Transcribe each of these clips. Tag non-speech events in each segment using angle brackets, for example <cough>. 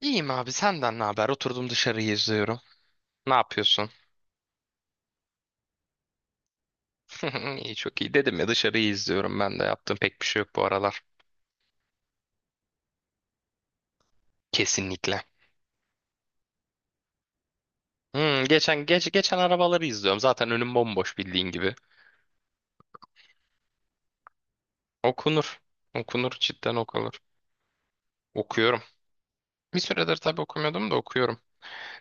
İyiyim abi, senden ne haber? Oturdum dışarıyı izliyorum. Ne yapıyorsun? <laughs> İyi, çok iyi dedim ya, dışarıyı izliyorum, ben de yaptığım pek bir şey yok bu aralar. Kesinlikle. Hmm, geçen arabaları izliyorum. Zaten önüm bomboş, bildiğin gibi. Okunur. Okunur, cidden okunur. Okuyorum. Bir süredir tabii okumuyordum da okuyorum.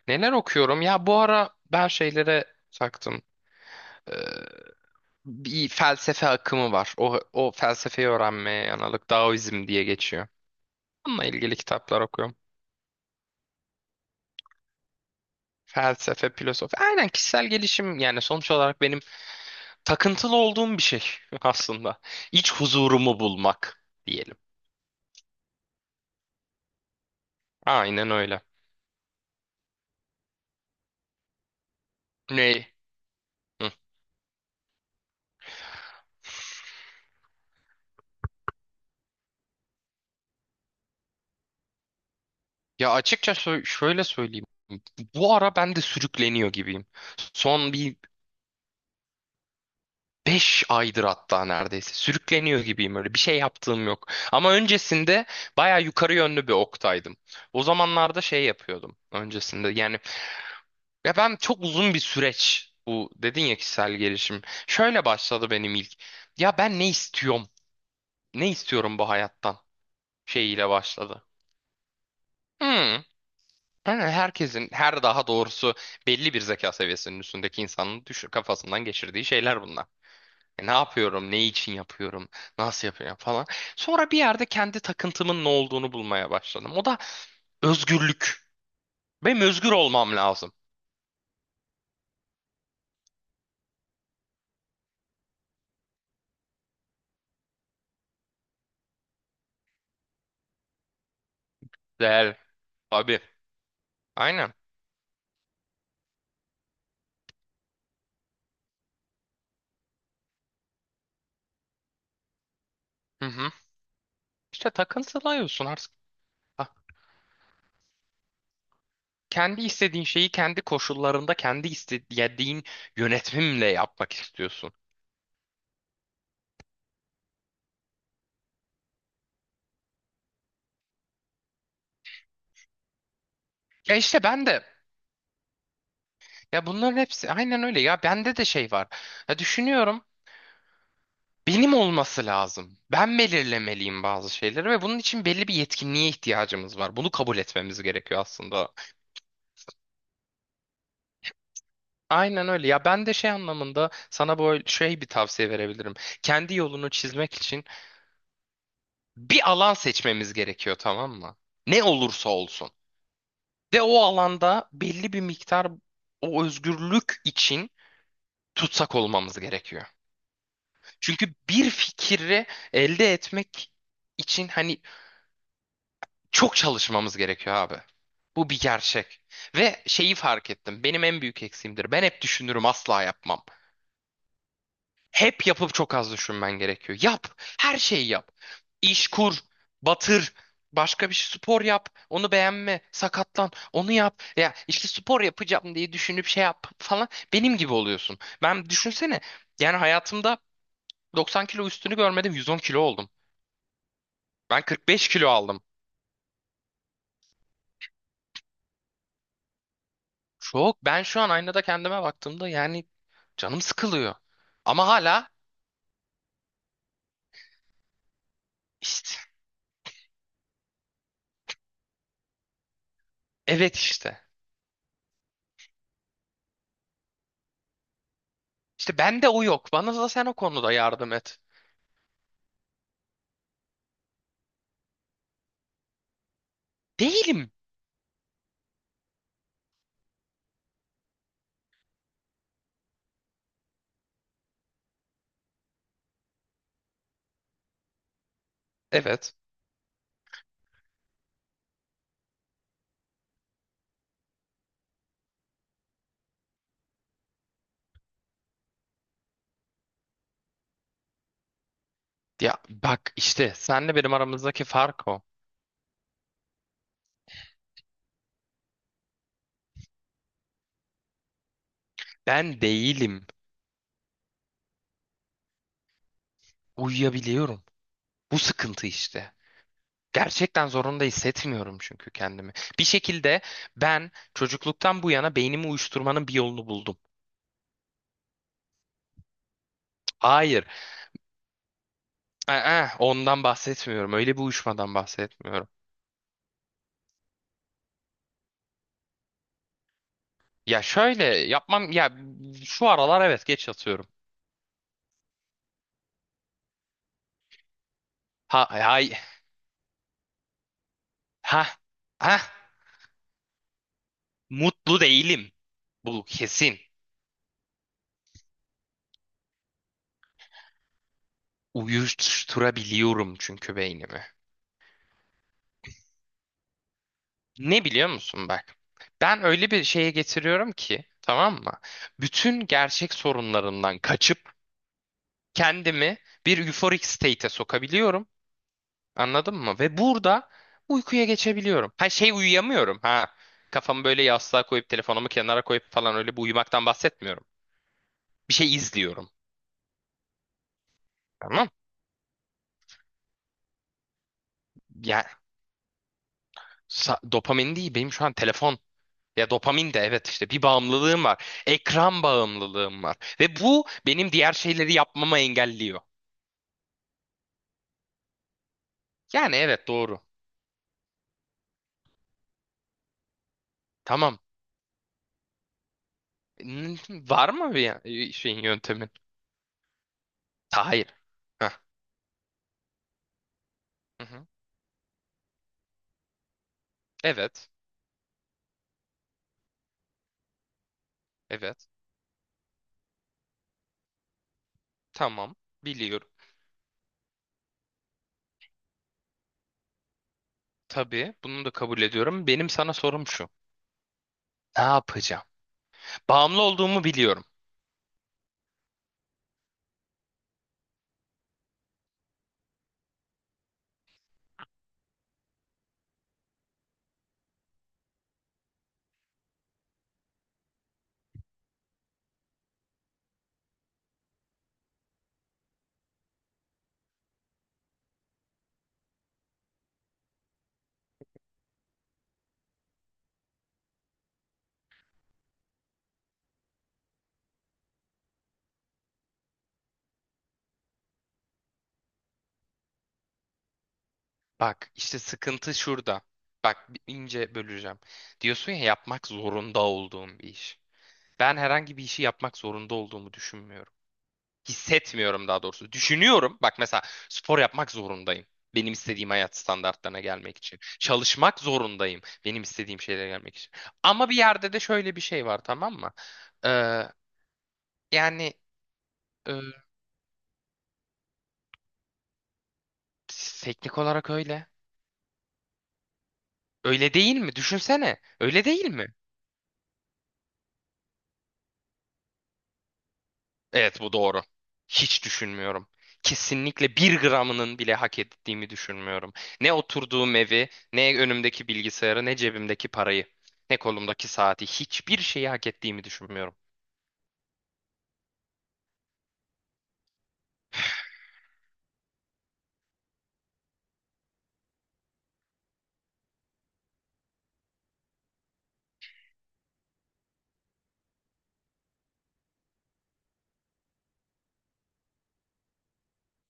Neler okuyorum? Ya bu ara ben şeylere taktım. Ee, Bir felsefe akımı var. O felsefeyi öğrenmeye yanalık, Daoizm diye geçiyor. Bununla ilgili kitaplar okuyorum. Felsefe, filozofi. Aynen, kişisel gelişim, yani sonuç olarak benim takıntılı olduğum bir şey <laughs> aslında. İç huzurumu bulmak diyelim. Aynen öyle. Ne? Hı. Ya açıkça sö- şöyle söyleyeyim. Bu ara ben de sürükleniyor gibiyim. Son bir 5 aydır hatta neredeyse. Sürükleniyor gibiyim öyle. Bir şey yaptığım yok. Ama öncesinde baya yukarı yönlü bir oktaydım. O zamanlarda şey yapıyordum öncesinde. Yani ya ben çok uzun bir süreç bu dedin ya, kişisel gelişim. Şöyle başladı benim ilk. Ya ben ne istiyorum? Ne istiyorum bu hayattan? Şeyiyle başladı. Hmm. Yani herkesin her, daha doğrusu belli bir zeka seviyesinin üstündeki insanın düşür kafasından geçirdiği şeyler bunlar. Ne yapıyorum, ne için yapıyorum, nasıl yapıyorum falan. Sonra bir yerde kendi takıntımın ne olduğunu bulmaya başladım. O da özgürlük. Benim özgür olmam lazım. Değer. Abi. Aynen. Hı hı. İşte takıntılıyorsun. Ah, kendi istediğin şeyi kendi koşullarında kendi istediğin yönetimle yapmak istiyorsun. Ya işte ben de, ya bunların hepsi aynen öyle, ya bende de şey var. Ya düşünüyorum, benim olması lazım. Ben belirlemeliyim bazı şeyleri ve bunun için belli bir yetkinliğe ihtiyacımız var. Bunu kabul etmemiz gerekiyor aslında. Aynen öyle, ya ben de şey anlamında sana böyle şey bir tavsiye verebilirim. Kendi yolunu çizmek için bir alan seçmemiz gerekiyor, tamam mı? Ne olursa olsun. De o alanda belli bir miktar o özgürlük için tutsak olmamız gerekiyor. Çünkü bir fikri elde etmek için hani çok çalışmamız gerekiyor abi. Bu bir gerçek. Ve şeyi fark ettim. Benim en büyük eksiğimdir. Ben hep düşünürüm, asla yapmam. Hep yapıp çok az düşünmen gerekiyor. Yap. Her şeyi yap. İş kur. Batır. Başka bir şey, spor yap. Onu beğenme. Sakatlan. Onu yap. Ya işte spor yapacağım diye düşünüp şey yap falan. Benim gibi oluyorsun. Ben düşünsene. Yani hayatımda 90 kilo üstünü görmedim. 110 kilo oldum. Ben 45 kilo aldım. Çok. Ben şu an aynada kendime baktığımda yani canım sıkılıyor. Ama hala işte. Evet, işte. İşte bende o yok. Bana da sen o konuda yardım et. Değilim. Evet. Ya bak, işte senle benim aramızdaki fark o. Ben değilim. Uyuyabiliyorum. Bu sıkıntı işte. Gerçekten zorunda hissetmiyorum çünkü kendimi. Bir şekilde ben çocukluktan bu yana beynimi uyuşturmanın bir yolunu buldum. Hayır. Aa, ondan bahsetmiyorum. Öyle bir uyuşmadan bahsetmiyorum. Ya şöyle yapmam ya, şu aralar evet geç yatıyorum. Ha hay ha ha mutlu değilim. Bu kesin. Uyuşturabiliyorum çünkü beynimi. Ne biliyor musun bak? Ben öyle bir şeye getiriyorum ki, tamam mı? Bütün gerçek sorunlarından kaçıp kendimi bir euphoric state'e sokabiliyorum. Anladın mı? Ve burada uykuya geçebiliyorum. Ha şey, uyuyamıyorum ha. Kafamı böyle yastığa koyup telefonumu kenara koyup falan öyle bir uyumaktan bahsetmiyorum. Bir şey izliyorum. Tamam. Ya sa- dopamin değil benim şu an telefon. Ya dopamin de evet, işte bir bağımlılığım var. Ekran bağımlılığım var. Ve bu benim diğer şeyleri yapmamı engelliyor. Yani evet, doğru. Tamam. N- var mı bir ya- şeyin, yöntemin? Ta- hayır. Heh. Hı hı. Evet. Evet. Tamam. Biliyorum. Tabii bunu da kabul ediyorum. Benim sana sorum şu. Ne yapacağım? Bağımlı olduğumu biliyorum. Bak işte sıkıntı şurada. Bak, ince böleceğim. Diyorsun ya, yapmak zorunda olduğum bir iş. Ben herhangi bir işi yapmak zorunda olduğumu düşünmüyorum. Hissetmiyorum daha doğrusu. Düşünüyorum. Bak mesela spor yapmak zorundayım. Benim istediğim hayat standartlarına gelmek için. Çalışmak zorundayım. Benim istediğim şeylere gelmek için. Ama bir yerde de şöyle bir şey var, tamam mı? Ee, yani e, teknik olarak öyle. Öyle değil mi? Düşünsene. Öyle değil mi? Evet, bu doğru. Hiç düşünmüyorum. Kesinlikle bir gramının bile hak ettiğimi düşünmüyorum. Ne oturduğum evi, ne önümdeki bilgisayarı, ne cebimdeki parayı, ne kolumdaki saati. Hiçbir şeyi hak ettiğimi düşünmüyorum.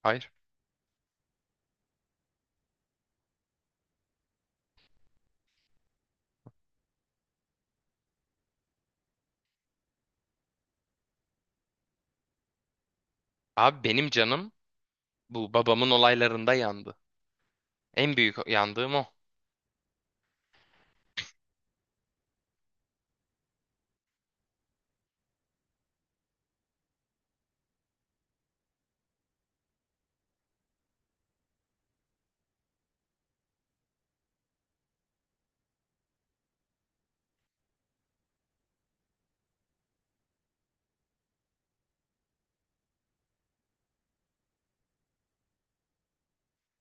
Hayır. Abi benim canım bu babamın olaylarında yandı. En büyük yandığım o.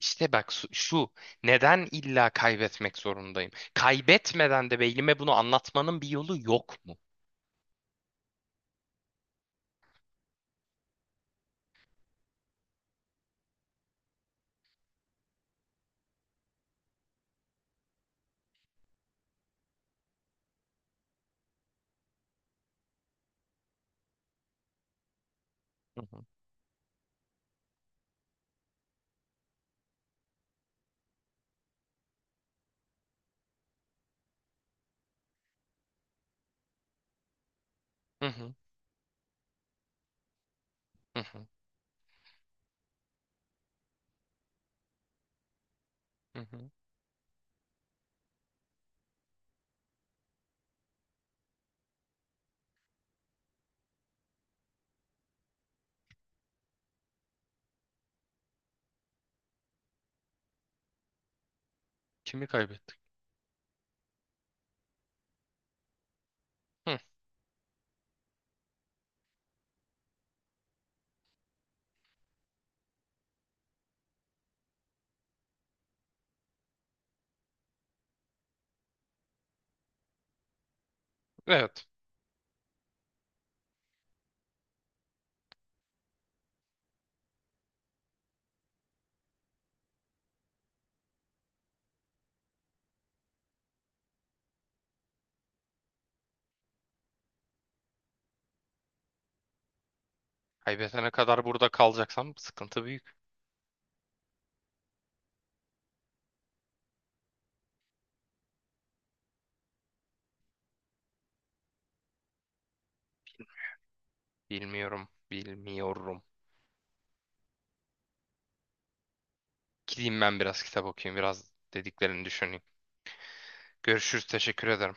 İşte bak su- şu, neden illa kaybetmek zorundayım? Kaybetmeden de beynime bunu anlatmanın bir yolu yok mu? Hı hı. Hı hı. Hı hı. Hı hı. Kimi kaybettik? Hı. Evet. Kaybetene kadar burada kalacaksam sıkıntı büyük. Bilmiyorum. Bilmiyorum. Gideyim ben biraz kitap okuyayım. Biraz dediklerini düşüneyim. Görüşürüz. Teşekkür ederim.